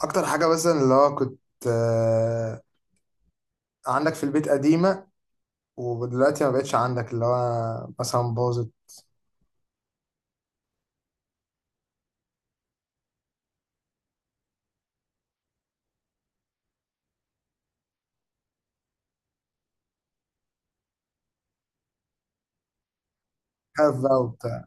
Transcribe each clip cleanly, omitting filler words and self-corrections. اكتر حاجه مثلا اللي هو كنت آه، عندك في البيت قديمه، ودلوقتي ما بقتش عندك اللي هو مثلا باظت حاف بقى وبتاع.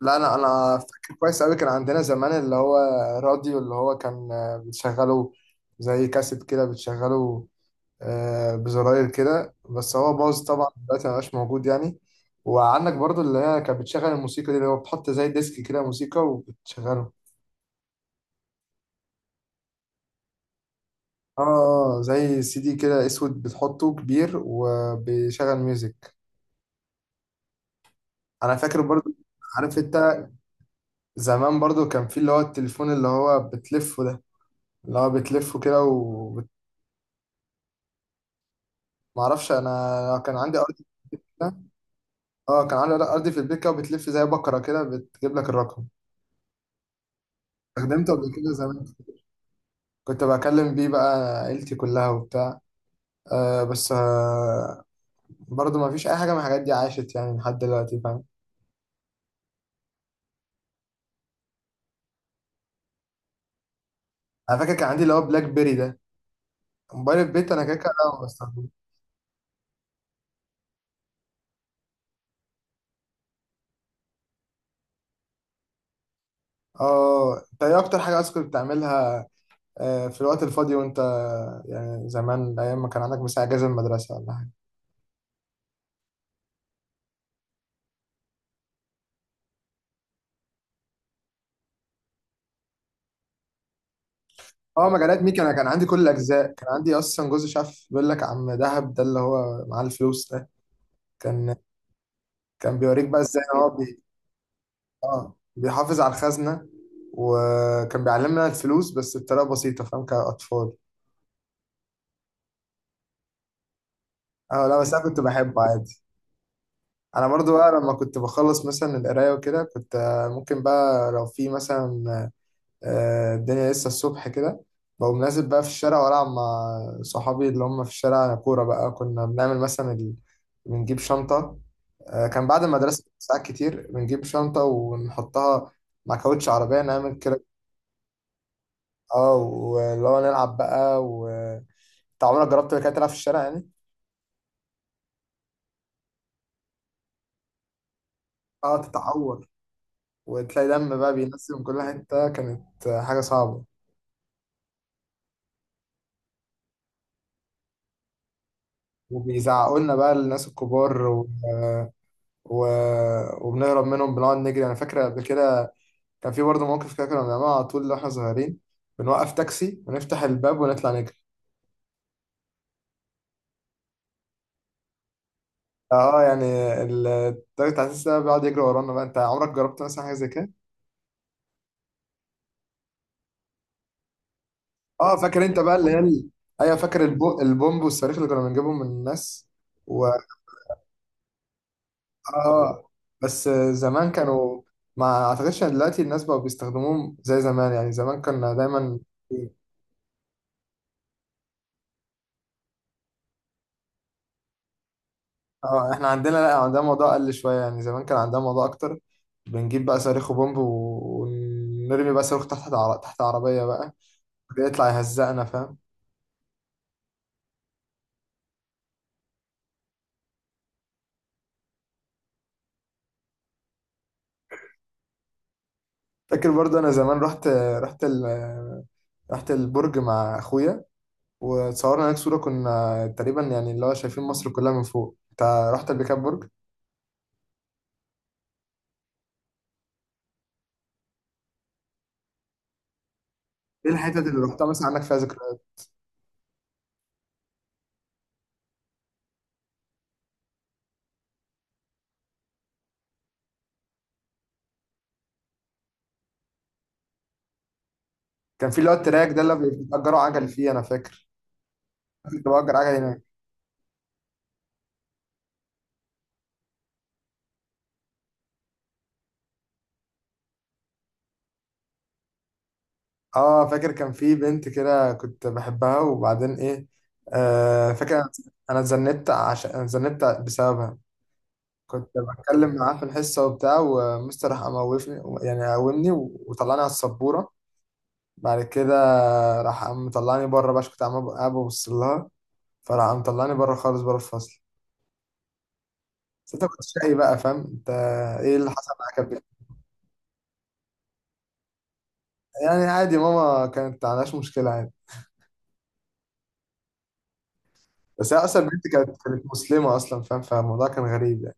لا، انا فاكر كويس قوي، كان عندنا زمان اللي هو راديو اللي هو كان، بتشغله زي كاسيت كده، بتشغله بزراير كده، بس هو باظ طبعا دلوقتي ما بقاش موجود يعني. وعندك برضو اللي هي كانت بتشغل الموسيقى دي، اللي هو بتحط زي ديسك كده موسيقى وبتشغله. اه زي CD كده اسود، بتحطه كبير وبيشغل ميوزك. انا فاكر برضو، عارف انت؟ زمان برضو كان في اللي هو التليفون اللي هو بتلفه ده، اللي هو بتلفه كده. ومعرفش، انا كان عندي ارض كده. اه، كان عندي ارض في البيت كده وبتلف زي بكرة كده بتجيب لك الرقم. استخدمته قبل كده زمان، كنت بكلم بيه بقى عيلتي كلها وبتاع. بس برضو ما فيش اي حاجة من الحاجات دي عاشت يعني لحد دلوقتي، فاهم. انا فاكر كان عندي اللي هو بلاك بيري ده، موبايل البيت انا كده كده أنا بستخدمه. اه، انت ايه اكتر حاجه اصلا كنت بتعملها في الوقت الفاضي؟ وانت يعني زمان ايام ما كان عندك مثلا اجازه من المدرسه ولا حاجه؟ اه مجالات ميكا، انا كان عندي كل الاجزاء، كان عندي اصلا جوز. شاف بيقول لك عم دهب ده اللي هو معاه الفلوس ده، كان كان بيوريك بقى ازاي إن هو اه بيحافظ على الخزنه، وكان بيعلمنا الفلوس بس بطريقه بسيطه، فاهم، كاطفال. اه لا، بس انا كنت بحبه عادي. انا برضو بقى لما كنت بخلص مثلا القرايه وكده، كنت ممكن بقى لو في مثلا الدنيا لسه الصبح كده، بقوم نازل بقى في الشارع والعب مع صحابي اللي هم في الشارع كوره. بقى كنا بنعمل مثلا بنجيب شنطه. كان بعد المدرسه ساعات كتير بنجيب شنطه ونحطها مع كاوتش عربيه نعمل كده. اه واللي هو نلعب بقى و انت عمرك جربت كده تلعب في الشارع يعني؟ اه، تتعور وتلاقي دم بقى بينزل من كل حته، كانت حاجه صعبه. وبيزعقوا لنا بقى الناس الكبار و... وبنهرب منهم، بنقعد نجري. انا فاكر قبل كده كان في برضه موقف كده كنا بنعمله على طول واحنا صغيرين، بنوقف تاكسي ونفتح الباب ونطلع نجري. اه يعني التاكسي بتاع التاكسي ده بيقعد يجري ورانا بقى. انت عمرك جربت مثلا حاجه زي كده؟ اه فاكر انت بقى اللي هي ايوه، فاكر البومب والصاروخ اللي كنا بنجيبهم من الناس و اه، بس زمان كانوا، ما اعتقدش ان دلوقتي الناس بقوا بيستخدموهم زي زمان يعني. زمان كنا دايما، اه احنا عندنا، لا عندنا موضوع اقل شويه، يعني زمان كان عندنا موضوع اكتر. بنجيب بقى صاروخ وبومب ونرمي بقى صاروخ تحت تحت عربيه بقى بيطلع يهزقنا، فاهم. فاكر برضو انا زمان رحت، رحت رحت البرج مع اخويا، وتصورنا هناك صوره، كنا تقريبا يعني اللي هو شايفين مصر كلها من فوق. انت رحت قبل كده البرج؟ ايه الحتت اللي رحتها مثلا عندك فيها ذكريات؟ كان في اللي هو التراك ده اللي بيأجروا عجل فيه، انا فاكر كنت بأجر عجل هناك. اه فاكر كان في بنت كده كنت بحبها، وبعدين ايه، آه فاكر انا، أنا اتذنبت، عشان انا اتذنبت بسببها. كنت بتكلم معاه في الحصه وبتاع، ومستر راح اموفني يعني قومني، وطلعني على السبوره. بعد كده راح قام مطلعني بره بقى عشان كنت عمال قاعد ببص لها، فراح قام مطلعني بره خالص بره الفصل. بس انت كنت شقي بقى، فاهم انت. ايه اللي حصل معاك يا بنت؟ يعني عادي، ماما كانت ما عندهاش مشكله عادي. بس هي اصلا البنت كانت مسلمه اصلا، فاهم، فالموضوع كان غريب.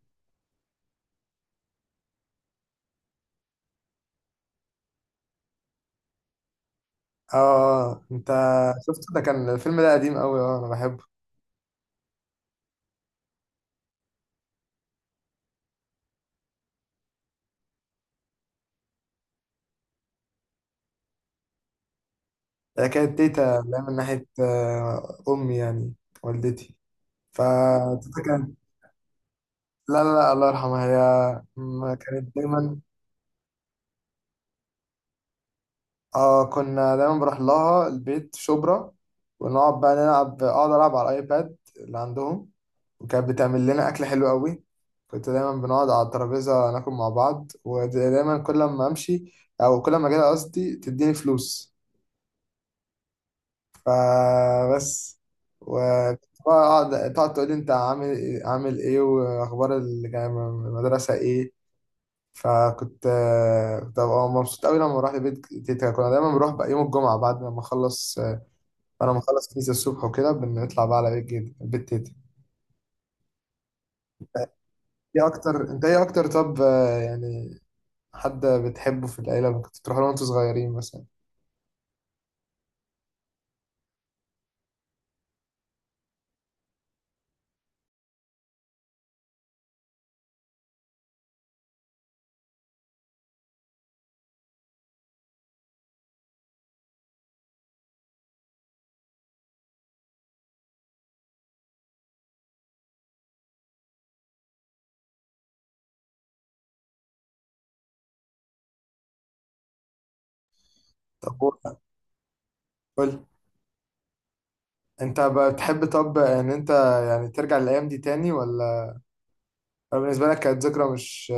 اه انت شفت ده؟ كان الفيلم ده قديم قوي، اه انا بحبه. ده كانت تيتا اللي هي من ناحية امي يعني والدتي. فتيتا كانت، لا لا لا الله يرحمها، هي ما كانت دايما. اه كنا دايما بروح لها البيت شبرا، ونقعد بقى نلعب، اقعد العب على الايباد اللي عندهم، وكانت بتعمل لنا اكل حلو قوي. كنت دايما بنقعد على الترابيزة ناكل مع بعض، ودايما كل ما امشي او كل ما اجي لها قصدي تديني فلوس. فبس، وتقعد تقول لي انت عامل ايه واخبار المدرسه ايه. فكنت كنت ببقى مبسوط قوي لما بروح البيت تيتا. كنا دايما بنروح بقى يوم الجمعه بعد ما اخلص، انا مخلص كنيسه الصبح وكده بنطلع بقى على بيت تيتا. ايه اكتر طب يعني حد بتحبه في العيله كنت بتروح له وانتوا صغيرين مثلا؟ طب قول، قول. انت بقى بتحب طب ان انت يعني ترجع للايام دي تاني، ولا بالنسبه لك كانت ذكرى مش...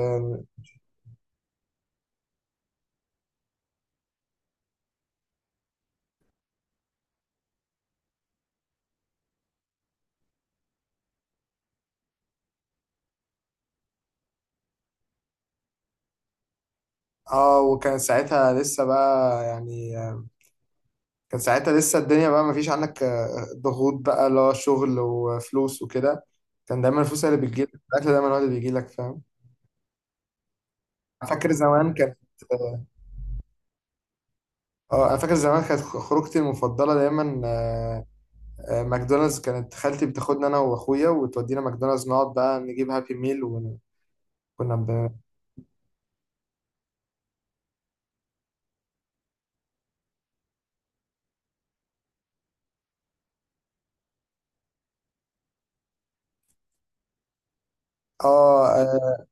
اه وكان ساعتها لسه بقى يعني، كان ساعتها لسه الدنيا بقى مفيش عنك ضغوط بقى اللي هو شغل وفلوس وكده. كان دايما الفلوس هي اللي بتجيلك، الأكل دايما هو اللي بيجيلك، فاهم. فاكر زمان كانت، اه انا فاكر زمان كانت خروجتي المفضله دايما ماكدونالدز. كانت خالتي بتاخدنا انا واخويا وتودينا ماكدونالدز، نقعد بقى نجيب هابي ميل وكنا ب... اه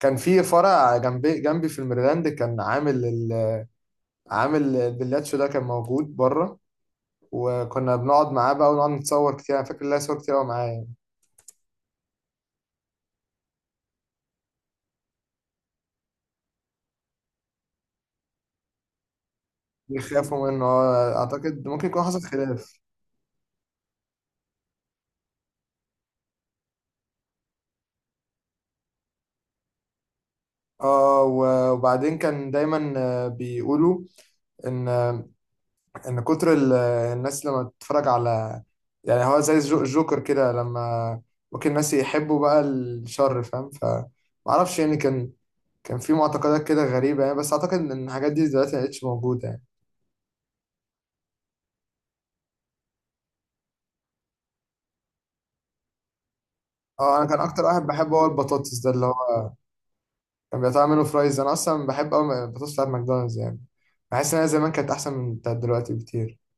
كان في فرع جنبي في الميرلاند، كان عامل عامل البلاتشو ده، كان موجود بره. وكنا بنقعد معاه بقى ونقعد نتصور كتير، انا فاكر ليا صور كتير قوي معاه يعني. بيخافوا منه، اعتقد ممكن يكون حصل خلاف. اه وبعدين كان دايما بيقولوا ان ان كتر الناس لما تتفرج على، يعني هو زي الجوكر كده، لما ممكن الناس يحبوا بقى الشر، فاهم. ف ما اعرفش يعني، كان في معتقدات كده غريبة يعني، بس اعتقد ان الحاجات دي دلوقتي ما بقتش موجودة يعني. اه، انا كان اكتر واحد بحبه هو البطاطس ده، اللي هو كان بيقطع منه فرايز. انا اصلا بحب قوي البطاطس بتاعت ماكدونالدز يعني، بحس انها زمان كانت احسن من بتاعت دلوقتي بكتير.